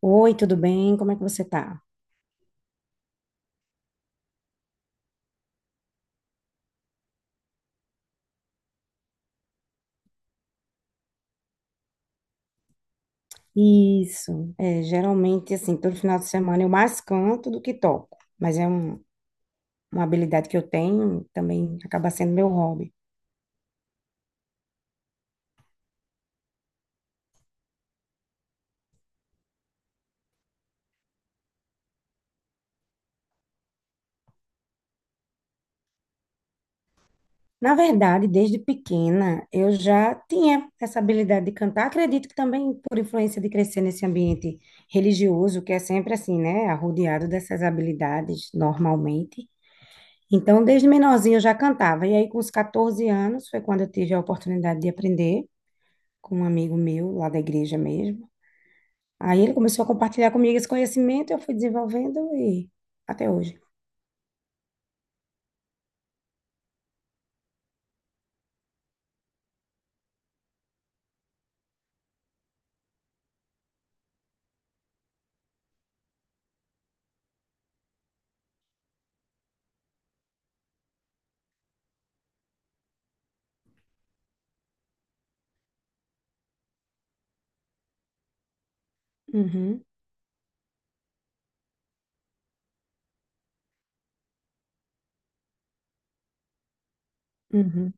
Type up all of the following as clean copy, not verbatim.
Oi, tudo bem? Como é que você tá? Isso, é, geralmente, assim, todo final de semana eu mais canto do que toco, uma habilidade que eu tenho, também acaba sendo meu hobby. Na verdade, desde pequena, eu já tinha essa habilidade de cantar, acredito que também por influência de crescer nesse ambiente religioso, que é sempre assim, né, arrodeado dessas habilidades, normalmente. Então, desde menorzinha eu já cantava, e aí com os 14 anos foi quando eu tive a oportunidade de aprender, com um amigo meu lá da igreja mesmo. Aí ele começou a compartilhar comigo esse conhecimento, eu fui desenvolvendo e até hoje. Uhum, uhum.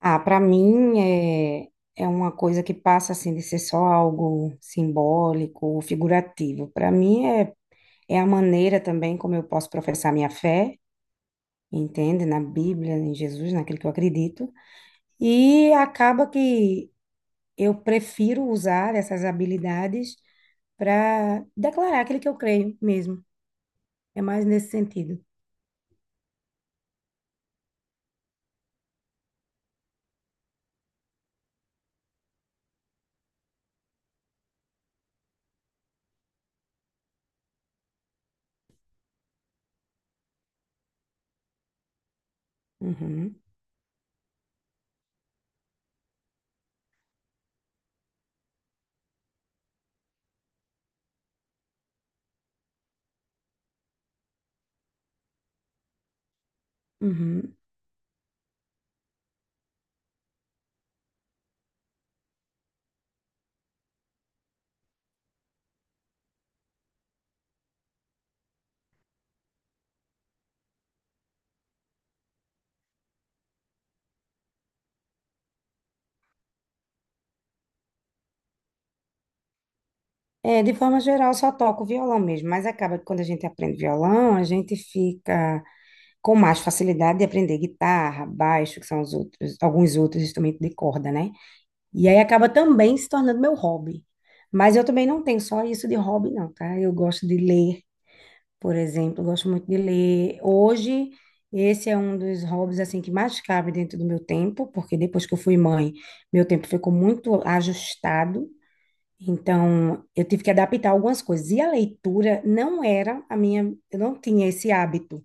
Ah, para mim é, é uma coisa que passa assim de ser só algo simbólico ou figurativo. Para mim é, é a maneira também como eu posso professar minha fé, entende? Na Bíblia, em Jesus, naquilo que eu acredito. E acaba que eu prefiro usar essas habilidades para declarar aquilo que eu creio mesmo. É mais nesse sentido. Uhum, uhum. É, de forma geral, eu só toco violão mesmo, mas acaba que quando a gente aprende violão, a gente fica com mais facilidade de aprender guitarra, baixo, que são os outros, alguns outros instrumentos de corda, né? E aí acaba também se tornando meu hobby. Mas eu também não tenho só isso de hobby, não, tá? Eu gosto de ler, por exemplo, eu gosto muito de ler. Hoje, esse é um dos hobbies, assim, que mais cabe dentro do meu tempo, porque depois que eu fui mãe, meu tempo ficou muito ajustado. Então, eu tive que adaptar algumas coisas. E a leitura não era a minha, eu não tinha esse hábito.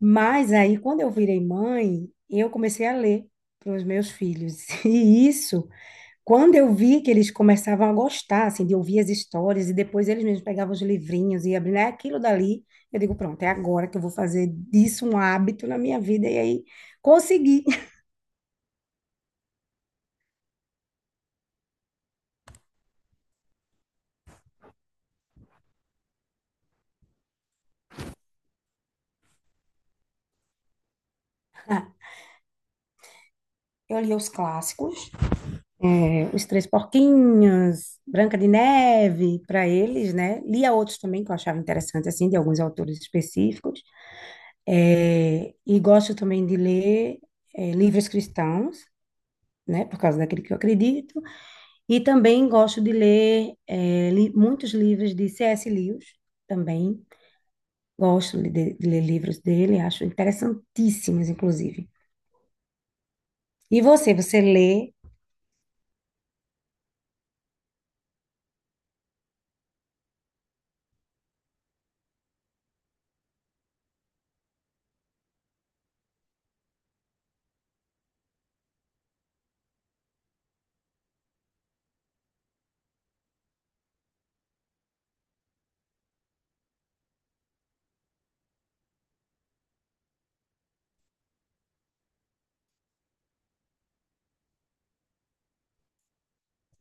Mas aí, quando eu virei mãe, eu comecei a ler para os meus filhos. E isso, quando eu vi que eles começavam a gostar, assim, de ouvir as histórias, e depois eles mesmos pegavam os livrinhos e abriam, é aquilo dali. Eu digo, pronto, é agora que eu vou fazer disso um hábito na minha vida. E aí, consegui. Eu li os clássicos, é, Os Três Porquinhos, Branca de Neve, para eles, né? Lia outros também que eu achava interessante, assim, de alguns autores específicos. É, e gosto também de ler é, livros cristãos, né? Por causa daquele que eu acredito. E também gosto de ler muitos livros de C.S. Lewis, também. Gosto de ler livros dele, acho interessantíssimos, inclusive. E você, você lê?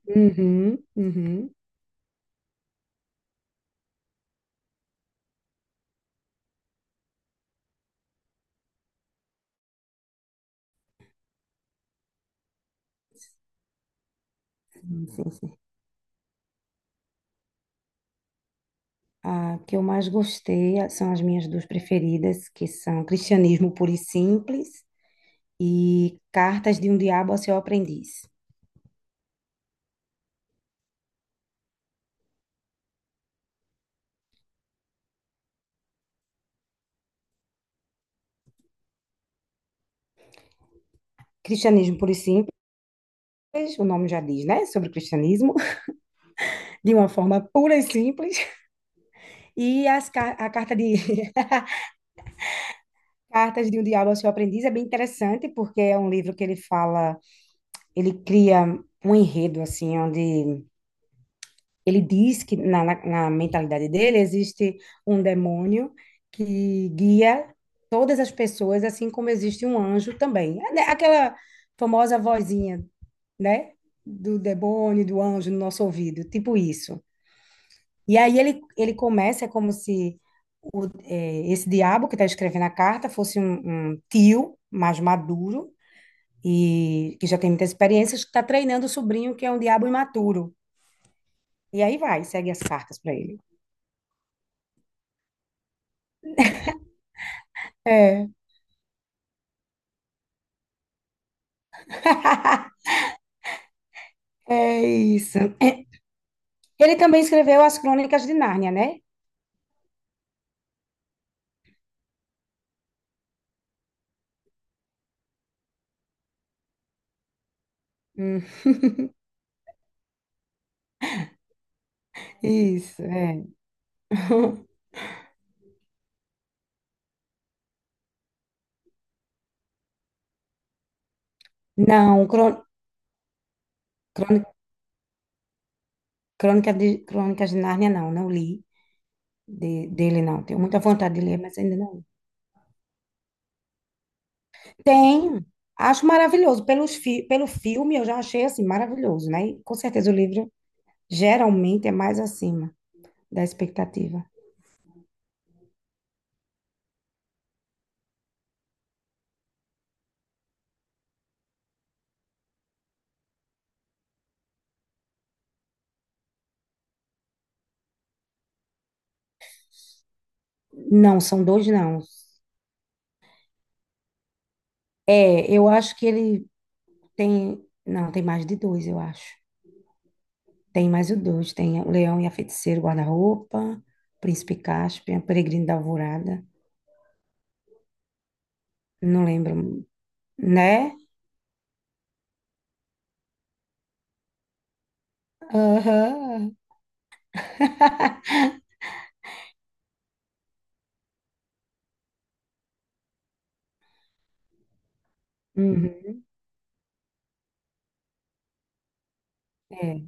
Uhum, uhum. Sim, sim, a que eu mais gostei a- são as minhas duas preferidas, que são Cristianismo Puro e Simples e Cartas de um Diabo a Seu Aprendiz. Cristianismo Puro e Simples, o nome já diz, né? Sobre o cristianismo, de uma forma pura e simples. A carta de Cartas de um Diabo a Seu Aprendiz é bem interessante, porque é um livro que ele fala, ele cria um enredo, assim, onde ele diz que na mentalidade dele existe um demônio que guia todas as pessoas, assim como existe um anjo também. É, né, aquela famosa vozinha, né? Do demônio, do anjo no nosso ouvido, tipo isso. E aí ele começa, é como se esse diabo que está escrevendo a carta fosse um tio mais maduro e que já tem muitas experiências, que está treinando o sobrinho, que é um diabo imaturo. E aí vai, segue as cartas para ele. É. É isso. Ele também escreveu as Crônicas de Nárnia, né? Hum, isso, é. Não, crô- crôni- crônica de, Crônicas de Nárnia não, não li de- dele não. Tenho muita vontade de ler, mas ainda não li. Tem, acho maravilhoso. Pelo filme eu já achei assim maravilhoso, né? E, com certeza o livro geralmente é mais acima da expectativa. Não, são dois não. É, eu acho que não, tem mais de dois, eu acho. Tem mais o dois, tem o Leão e a Feiticeira, o Guarda-Roupa, Príncipe Caspian, o Peregrino da Alvorada, não lembro, né? Aham. Uhum, é.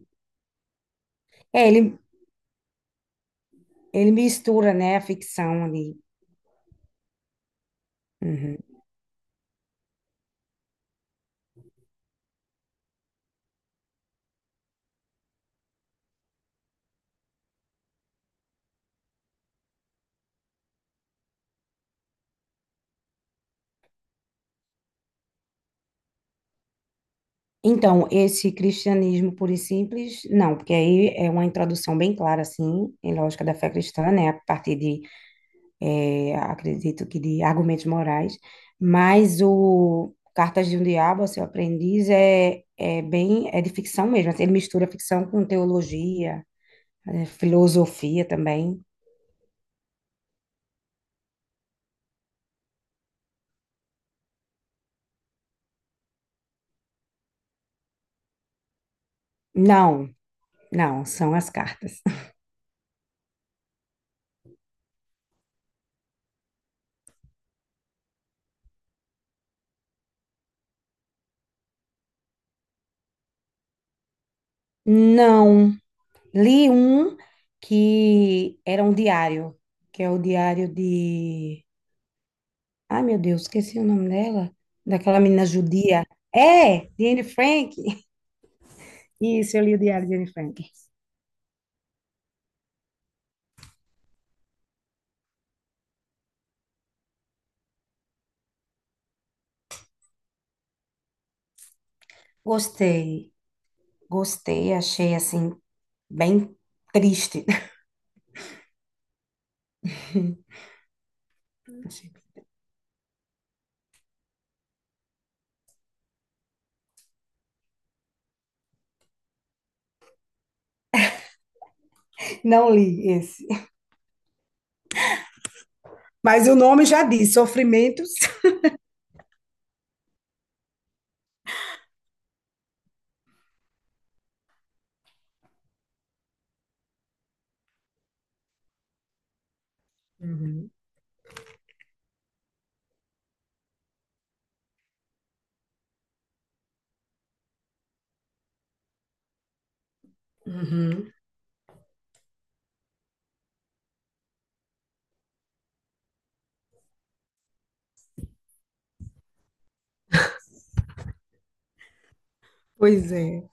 É, ele mistura, né, a ficção ali. Uhum. Então, esse cristianismo puro e simples, não, porque aí é uma introdução bem clara, assim, em lógica da fé cristã, né, a partir de acredito que de argumentos morais, mas o Cartas de um Diabo, Seu Aprendiz, é, é bem, é de ficção mesmo, assim, ele mistura ficção com teologia, é, filosofia também. Não, não, são as cartas. Não, li um que era um diário, que é o diário de... Ai, meu Deus, esqueci o nome dela, daquela menina judia. É, de Anne Frank. Isso, eu li o diário de Anne Frank. Gostei. Gostei, achei assim, bem triste. Não li esse. Mas o nome já diz, Sofrimentos. Uhum. Uhum. Pois é.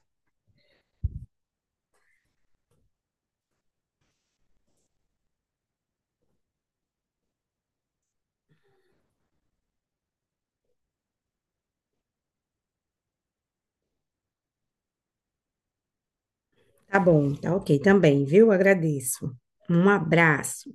Tá bom, tá ok também, viu? Agradeço. Um abraço.